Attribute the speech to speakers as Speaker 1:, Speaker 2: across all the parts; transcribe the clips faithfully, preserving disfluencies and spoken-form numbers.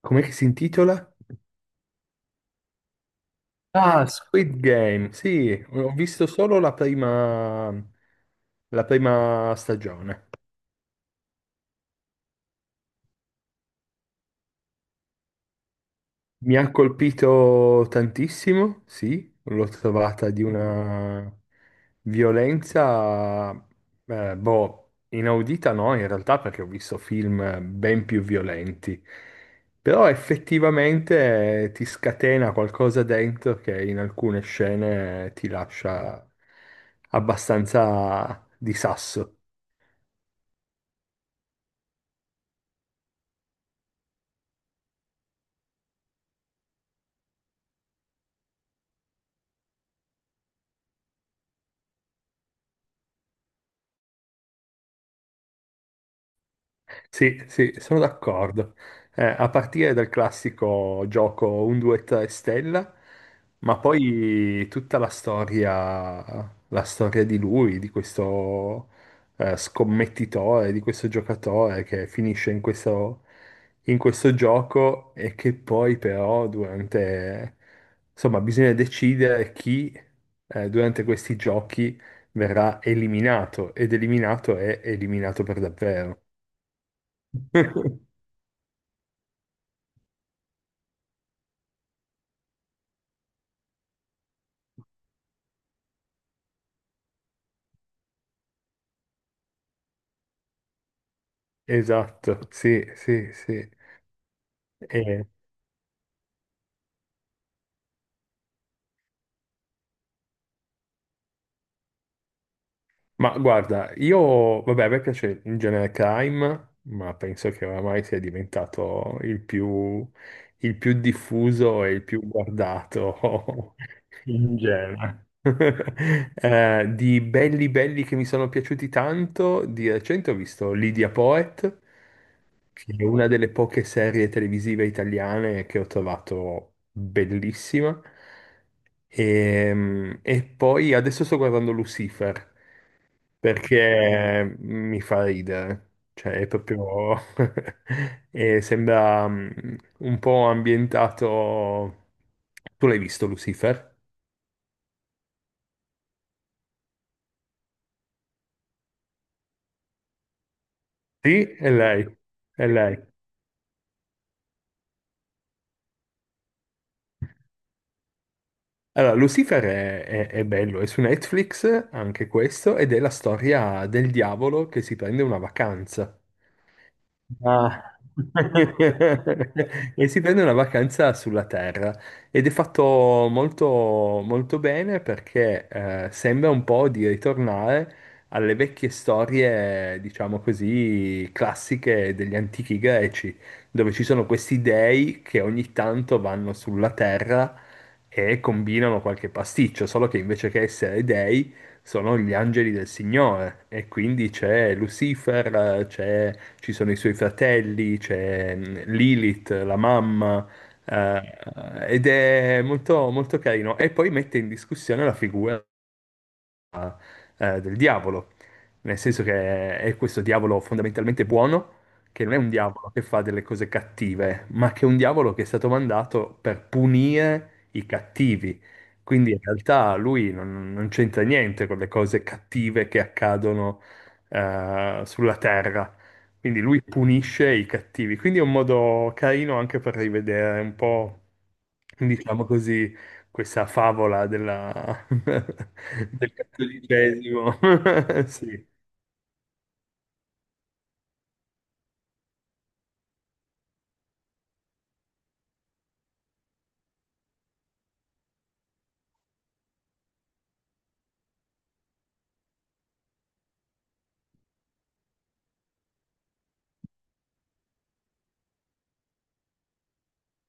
Speaker 1: Com'è che si intitola? Ah, Squid Game. Sì, ho visto solo la prima, la prima stagione. Mi ha colpito tantissimo, sì, l'ho trovata di una violenza, eh, boh, inaudita no, in realtà perché ho visto film eh, ben più violenti, però effettivamente eh, ti scatena qualcosa dentro che in alcune scene ti lascia abbastanza di sasso. Sì, sì, sono d'accordo. Eh, a partire dal classico gioco un, due, tre stella, ma poi tutta la storia, la storia di lui, di questo eh, scommettitore, di questo giocatore che finisce in questo, in questo gioco e che poi però durante, insomma, bisogna decidere chi eh, durante questi giochi verrà eliminato ed eliminato è eliminato per davvero. Esatto, sì, sì, sì. Eh, ma guarda, io, vabbè, a me piace in genere crime, ma penso che oramai sia diventato il più, il più diffuso e il più guardato in genere. Eh, di belli belli che mi sono piaciuti tanto, di recente ho visto Lydia Poet, che è una delle poche serie televisive italiane che ho trovato bellissima. Ehm, E, poi adesso sto guardando Lucifer perché mi fa ridere, cioè è proprio... e sembra mm, un po' ambientato... Tu l'hai visto Lucifer? Sì, è lei, è lei. Allora, Lucifer è, è- è bello, è su Netflix anche questo, ed è la storia del diavolo che si prende una vacanza. Ah. E si prende una vacanza sulla Terra ed è fatto molto, molto bene perché eh, sembra un po' di ritornare alle vecchie storie, diciamo così, classiche degli antichi greci, dove ci sono questi dei che ogni tanto vanno sulla Terra e combinano qualche pasticcio, solo che invece che essere dei sono gli angeli del Signore e quindi c'è Lucifer, c'è- ci sono i suoi fratelli, c'è mh, Lilith, la mamma, eh, ed è molto, molto carino. E poi mette in discussione la figura eh, del diavolo, nel senso che è questo diavolo fondamentalmente buono, che non è un diavolo che fa delle cose cattive, ma che è un diavolo che è stato mandato per punire i cattivi. Quindi in realtà lui non, non c'entra niente con le cose cattive che accadono eh, sulla terra. Quindi lui punisce i cattivi. Quindi è un modo carino anche per rivedere un po', diciamo così, questa favola della... del cattolicesimo. Sì.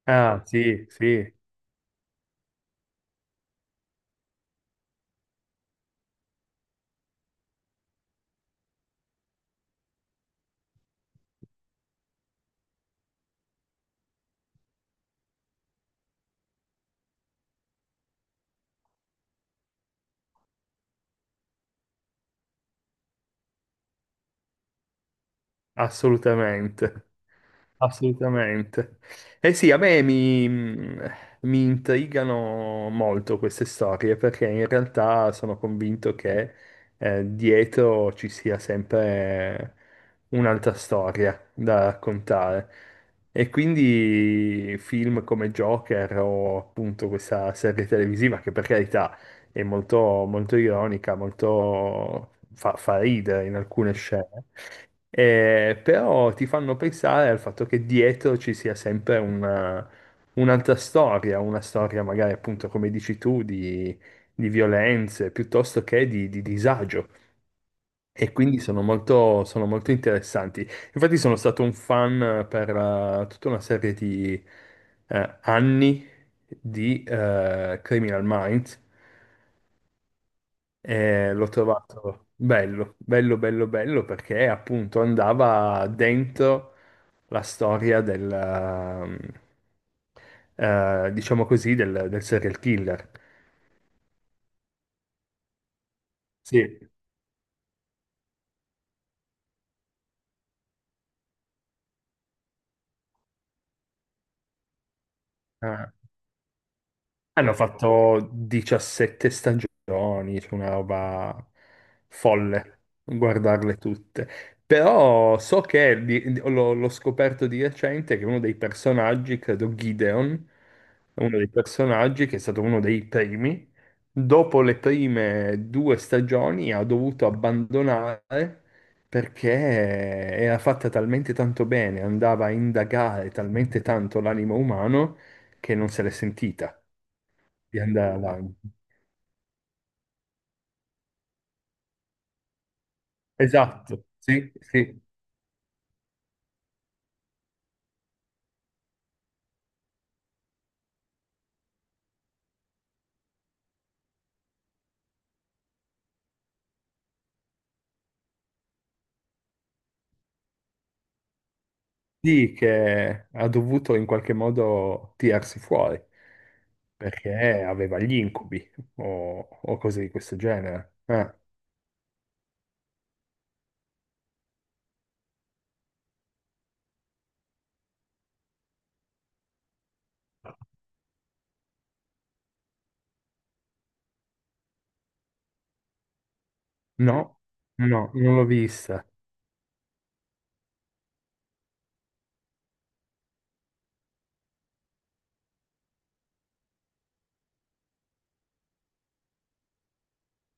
Speaker 1: Ah, sì, sì, assolutamente. Assolutamente. Eh sì, a me mi, mi intrigano molto queste storie perché in realtà sono convinto che eh, dietro ci sia sempre un'altra storia da raccontare. E quindi film come Joker o appunto questa serie televisiva che per carità è molto, molto ironica, molto fa, fa ridere in alcune scene. Eh, però ti fanno pensare al fatto che dietro ci sia sempre una- un'altra storia, una storia magari appunto come dici tu di, di violenze piuttosto che di, di disagio e quindi sono molto, sono molto interessanti. Infatti sono stato un fan eh, per eh, tutta una serie di eh, anni di eh, Criminal Minds e l'ho trovato bello, bello, bello, bello perché appunto andava dentro la storia del, ehm, eh, diciamo così, del, del serial killer. Sì, Ah. Hanno fatto diciassette stagioni, c'è una roba folle guardarle tutte. Però so che di- di- l'ho l'ho scoperto di recente che uno dei personaggi, credo Gideon, è uno dei personaggi che è stato uno dei primi, dopo le prime due stagioni ha dovuto abbandonare perché era fatta talmente tanto bene, andava a indagare talmente tanto l'animo umano che non se l'è sentita di andare avanti. Esatto, sì, sì. Sì, che ha dovuto in qualche modo tirarsi fuori perché aveva gli incubi o, o cose di questo genere. Ah, no, no, non l'ho vista.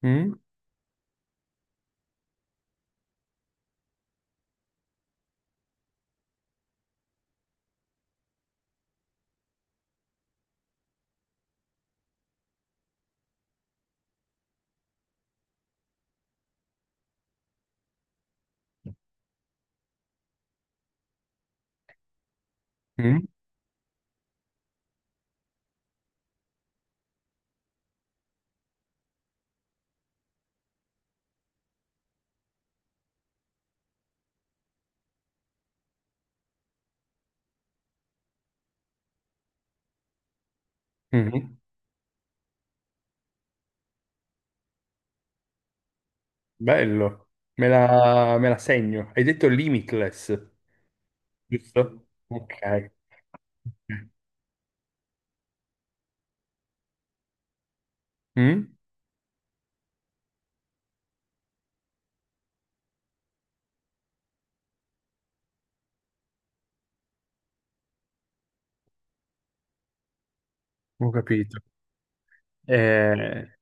Speaker 1: Mm? Mm? Mhm. Bello, me la, me la segno. Hai detto limitless, giusto? Ok. Ok. Mm? Ho capito. Eh,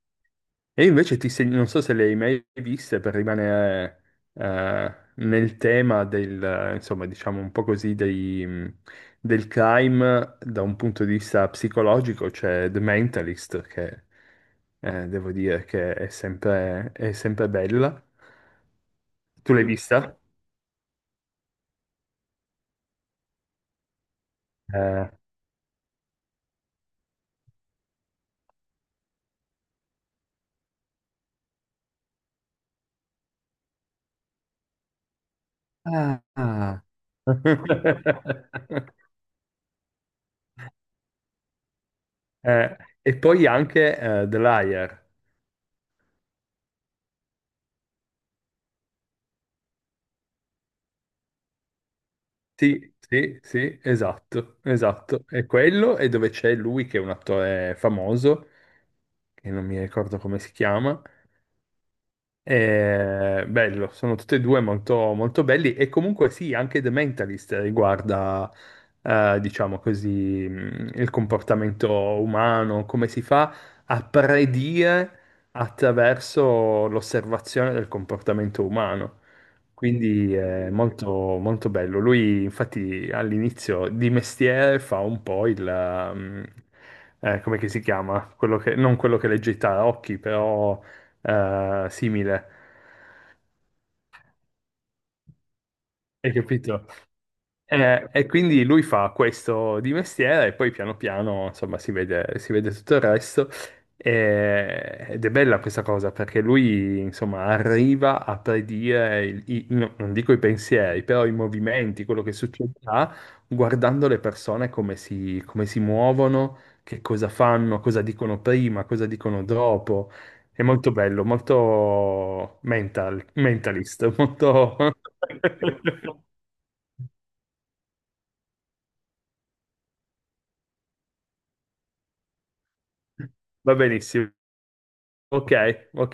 Speaker 1: E invece ti seg- non so se le hai mai viste per rimanere eh, nel tema del, eh, insomma, diciamo un po' così dei, mh, del crime da un punto di vista psicologico, c'è The Mentalist, che eh, devo dire che è sempre, è sempre bella. Tu l'hai vista? Eh, ah. ah. Eh, e poi anche eh, The Liar. Sì, sì, sì, esatto, esatto. È quello e dove c'è lui che è un attore famoso, che non mi ricordo come si chiama, eh, bello, sono tutti e due molto, molto belli e comunque sì, anche The Mentalist riguarda, eh, diciamo così, mh, il comportamento umano, come si fa a predire attraverso l'osservazione del comportamento umano. Quindi è molto, molto bello. Lui infatti all'inizio di mestiere fa un po' il... mh, eh, come che si chiama? Quello che- non quello che legge i tarocchi, però eh, simile. Hai capito? Eh, e quindi lui fa questo di mestiere e poi piano piano, insomma, si vede, si vede tutto il resto. E- ed è bella questa cosa perché lui, insomma, arriva a predire, il- i- no, non dico i pensieri, però i movimenti, quello che succederà, guardando le persone come si, come si muovono, che cosa fanno, cosa dicono prima, cosa dicono dopo. È molto bello, molto mental, mentalist, molto... Va benissimo. Ok, ok.